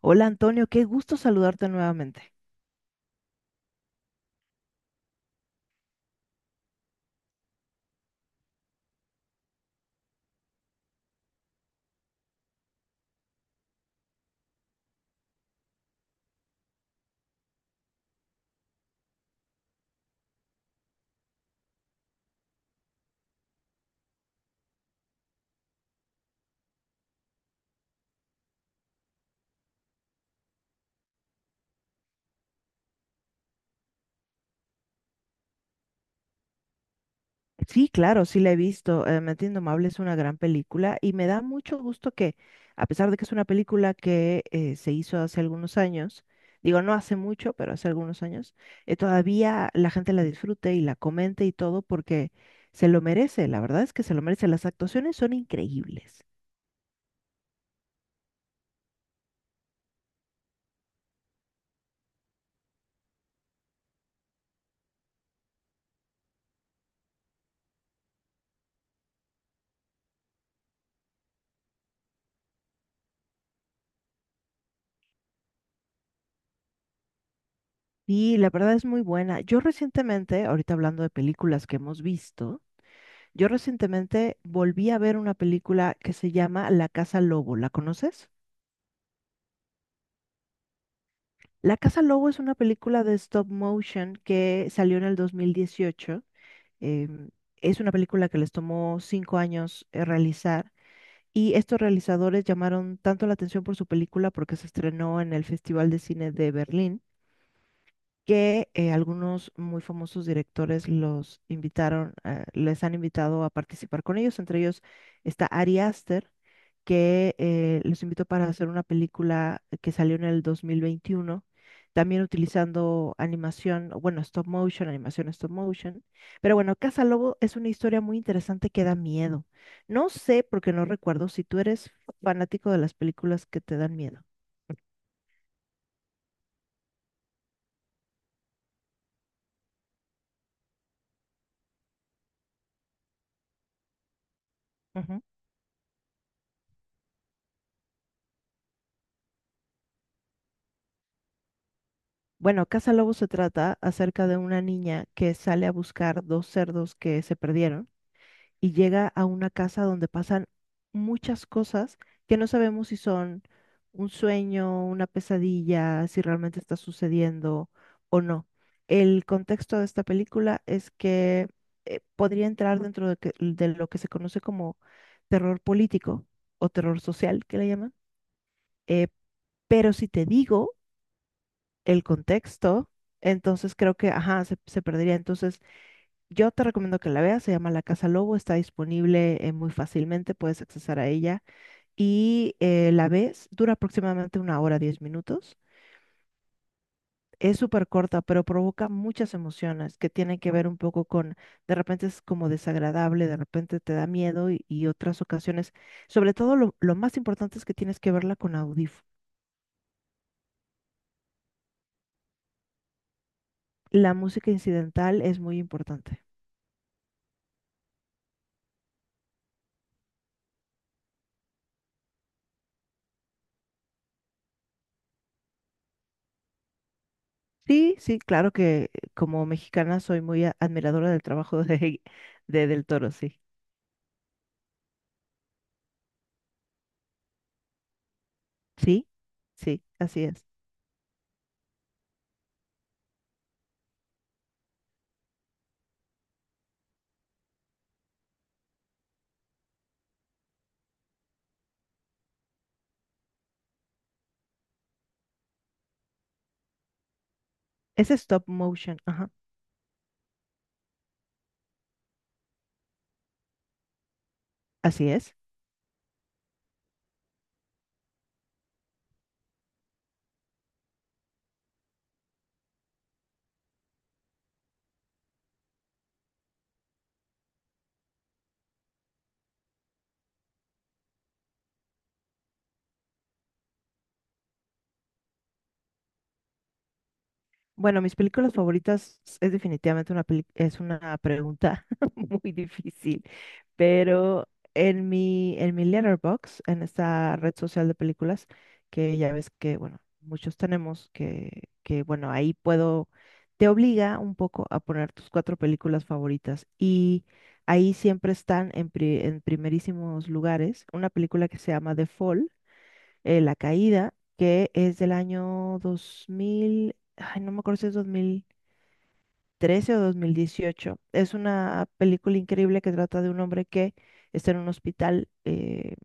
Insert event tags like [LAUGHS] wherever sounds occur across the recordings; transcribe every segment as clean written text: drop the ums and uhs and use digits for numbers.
Hola Antonio, qué gusto saludarte nuevamente. Sí, claro, sí la he visto. Mente Indomable es una gran película y me da mucho gusto que, a pesar de que es una película que se hizo hace algunos años, digo no hace mucho, pero hace algunos años, todavía la gente la disfrute y la comente y todo porque se lo merece. La verdad es que se lo merece. Las actuaciones son increíbles. Y la verdad es muy buena. Yo recientemente, ahorita hablando de películas que hemos visto, Yo recientemente volví a ver una película que se llama La Casa Lobo. ¿La conoces? La Casa Lobo es una película de stop motion que salió en el 2018. Em, es una película que les tomó 5 años realizar, y estos realizadores llamaron tanto la atención por su película porque se estrenó en el Festival de Cine de Berlín que algunos muy famosos directores los invitaron, les han invitado a participar con ellos. Entre ellos está Ari Aster, que los invitó para hacer una película que salió en el 2021, también utilizando animación, o bueno, stop motion, animación stop motion. Pero bueno, Casa Lobo es una historia muy interesante que da miedo. No sé, porque no recuerdo si tú eres fanático de las películas que te dan miedo. Ujú. Bueno, Casa Lobo se trata acerca de una niña que sale a buscar dos cerdos que se perdieron y llega a una casa donde pasan muchas cosas que no sabemos si son un sueño, una pesadilla, si realmente está sucediendo o no. El contexto de esta película es que podría entrar dentro de, de lo que se conoce como terror político o terror social, que le llaman. Eh, pero si te digo el contexto, entonces creo que, ajá, se perdería. Entonces, yo te recomiendo que la veas, se llama La Casa Lobo, está disponible muy fácilmente, puedes accesar a ella y la ves, dura aproximadamente una hora, 10 minutos. Es súper corta, pero provoca muchas emociones que tienen que ver un poco con, de repente es como desagradable, de repente te da miedo y otras ocasiones. Sobre todo lo más importante es que tienes que verla con audífono. La música incidental es muy importante. Sí, sí, claro que como mexicana soy muy admiradora del trabajo de, [LAUGHS] de Del Toro, sí. Sí, sí, así es. Es stop motion, ajá, así es. Bueno, mis películas favoritas es definitivamente es una pregunta [LAUGHS] muy difícil, pero en mi Letterboxd, en esta red social de películas que ya ves que bueno, muchos tenemos que bueno, ahí puedo te obliga un poco a poner tus cuatro películas favoritas y ahí siempre están en primerísimos lugares una película que se llama The Fall, La Caída, que es del año 2000, ay, no me acuerdo si es 2013 o 2018. Es una película increíble que trata de un hombre que está en un hospital,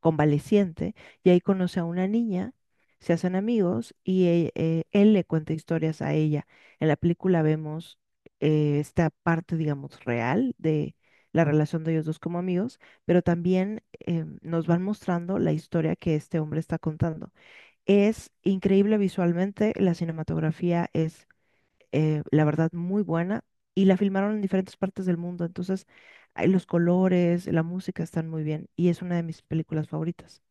convaleciente, y ahí conoce a una niña, se hacen amigos y él le cuenta historias a ella. En la película vemos esta parte, digamos, real de la relación de ellos dos como amigos, pero también nos van mostrando la historia que este hombre está contando. Es increíble visualmente, la cinematografía es, la verdad, muy buena, y la filmaron en diferentes partes del mundo. Entonces, ay, los colores, la música están muy bien, y es una de mis películas favoritas.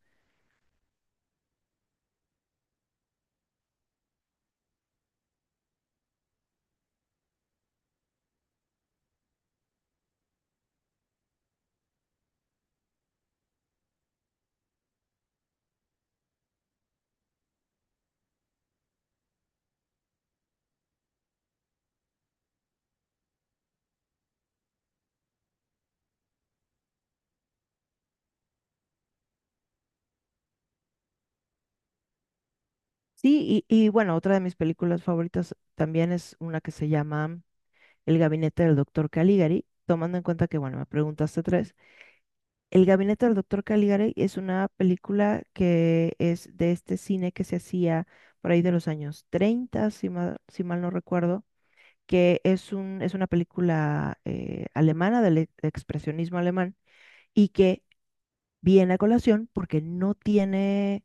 Sí, y bueno, otra de mis películas favoritas también es una que se llama El gabinete del doctor Caligari, tomando en cuenta que, bueno, me preguntaste tres. El gabinete del doctor Caligari es una película que es de este cine que se hacía por ahí de los años 30, si mal no recuerdo, que es es una película alemana del expresionismo alemán, y que viene a colación porque no tiene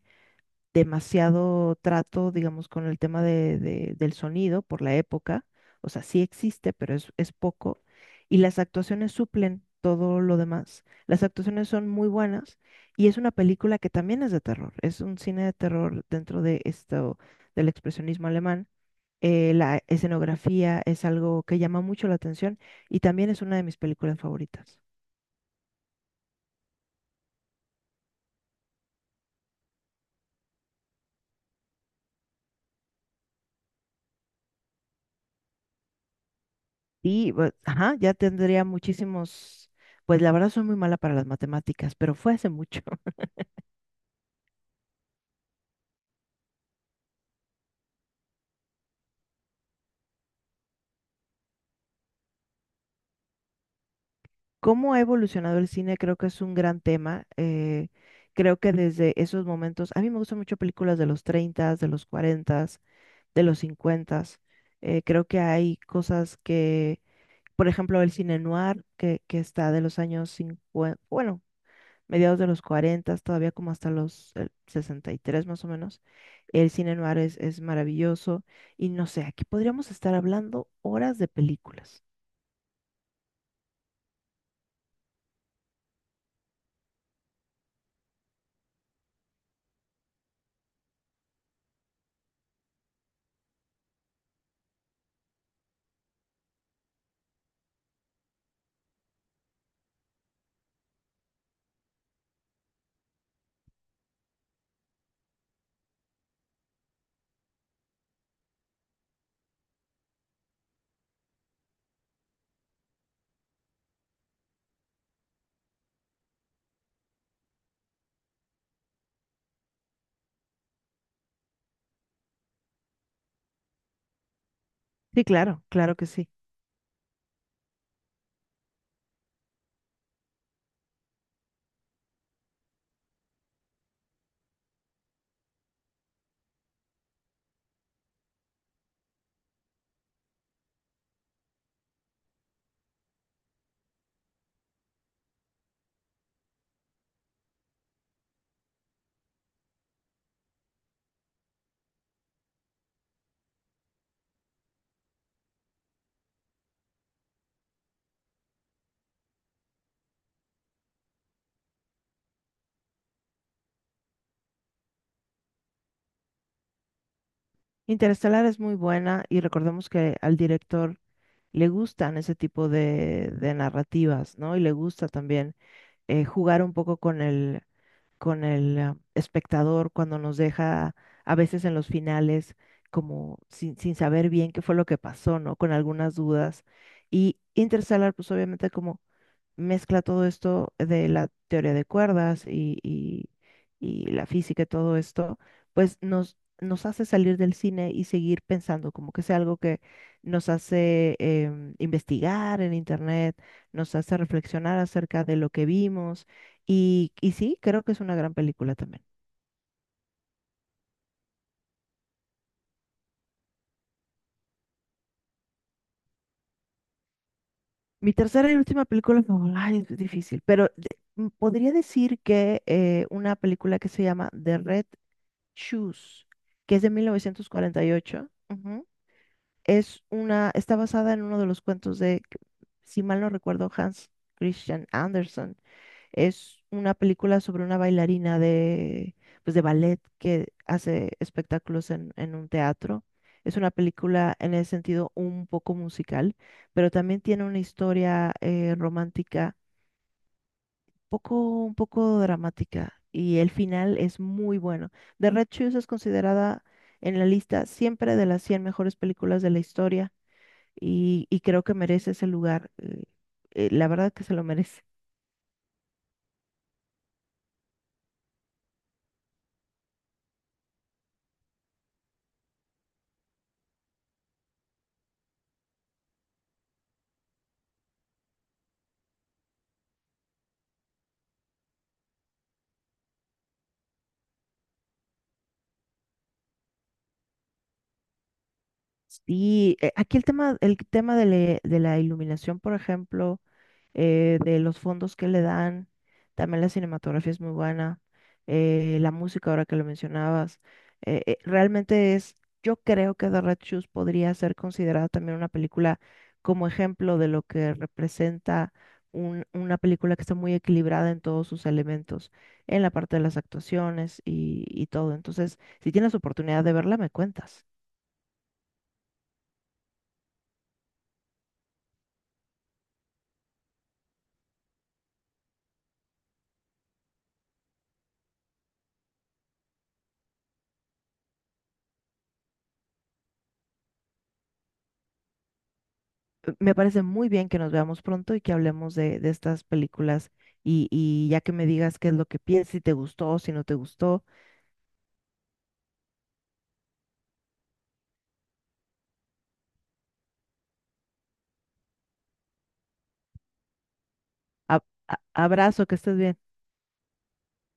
demasiado trato, digamos, con el tema del sonido por la época. O sea, sí existe, pero es poco. Y las actuaciones suplen todo lo demás. Las actuaciones son muy buenas y es una película que también es de terror. Es un cine de terror dentro de esto del expresionismo alemán. La escenografía es algo que llama mucho la atención, y también es una de mis películas favoritas. Y, pues, ajá, ya tendría muchísimos, pues la verdad soy muy mala para las matemáticas, pero fue hace mucho. [LAUGHS] ¿Cómo ha evolucionado el cine? Creo que es un gran tema. Creo que desde esos momentos, a mí me gustan mucho películas de los 30, de los 40, de los 50. Creo que hay cosas que, por ejemplo, el cine noir, que está de los años 50, bueno, mediados de los 40, todavía como hasta los 63 más o menos. El cine noir es maravilloso y no sé, aquí podríamos estar hablando horas de películas. Sí, claro, claro que sí. Interestelar es muy buena y recordemos que al director le gustan ese tipo de narrativas, ¿no? Y le gusta también jugar un poco con el, con el espectador, cuando nos deja a veces en los finales como sin saber bien qué fue lo que pasó, ¿no? Con algunas dudas. Y Interstellar, pues obviamente como mezcla todo esto de la teoría de cuerdas y la física y todo esto, pues nos hace salir del cine y seguir pensando, como que sea algo que nos hace investigar en internet, nos hace reflexionar acerca de lo que vimos, y sí, creo que es una gran película también. Mi tercera y última película, no, ay, es difícil, pero podría decir que una película que se llama The Red Shoes, que es de 1948. Ujú. Está basada en uno de los cuentos de, si mal no recuerdo, Hans Christian Andersen. Es una película sobre una bailarina de, pues de ballet, que hace espectáculos en un teatro. Es una película en el sentido un poco musical, pero también tiene una historia romántica, poco, un poco dramática, y el final es muy bueno. The Red Shoes es considerada en la lista siempre de las 100 mejores películas de la historia, y creo que merece ese lugar. La verdad que se lo merece. Y aquí el tema, de la iluminación, por ejemplo, de los fondos que le dan. También la cinematografía es muy buena. La música, ahora que lo mencionabas, realmente es, yo creo que The Red Shoes podría ser considerada también una película como ejemplo de lo que representa una película que está muy equilibrada en todos sus elementos, en la parte de las actuaciones y todo. Entonces, si tienes oportunidad de verla, me cuentas. Me parece muy bien que nos veamos pronto y que hablemos de estas películas, y ya que me digas qué es lo que piensas, si te gustó, si no te gustó. Abrazo, que estés bien.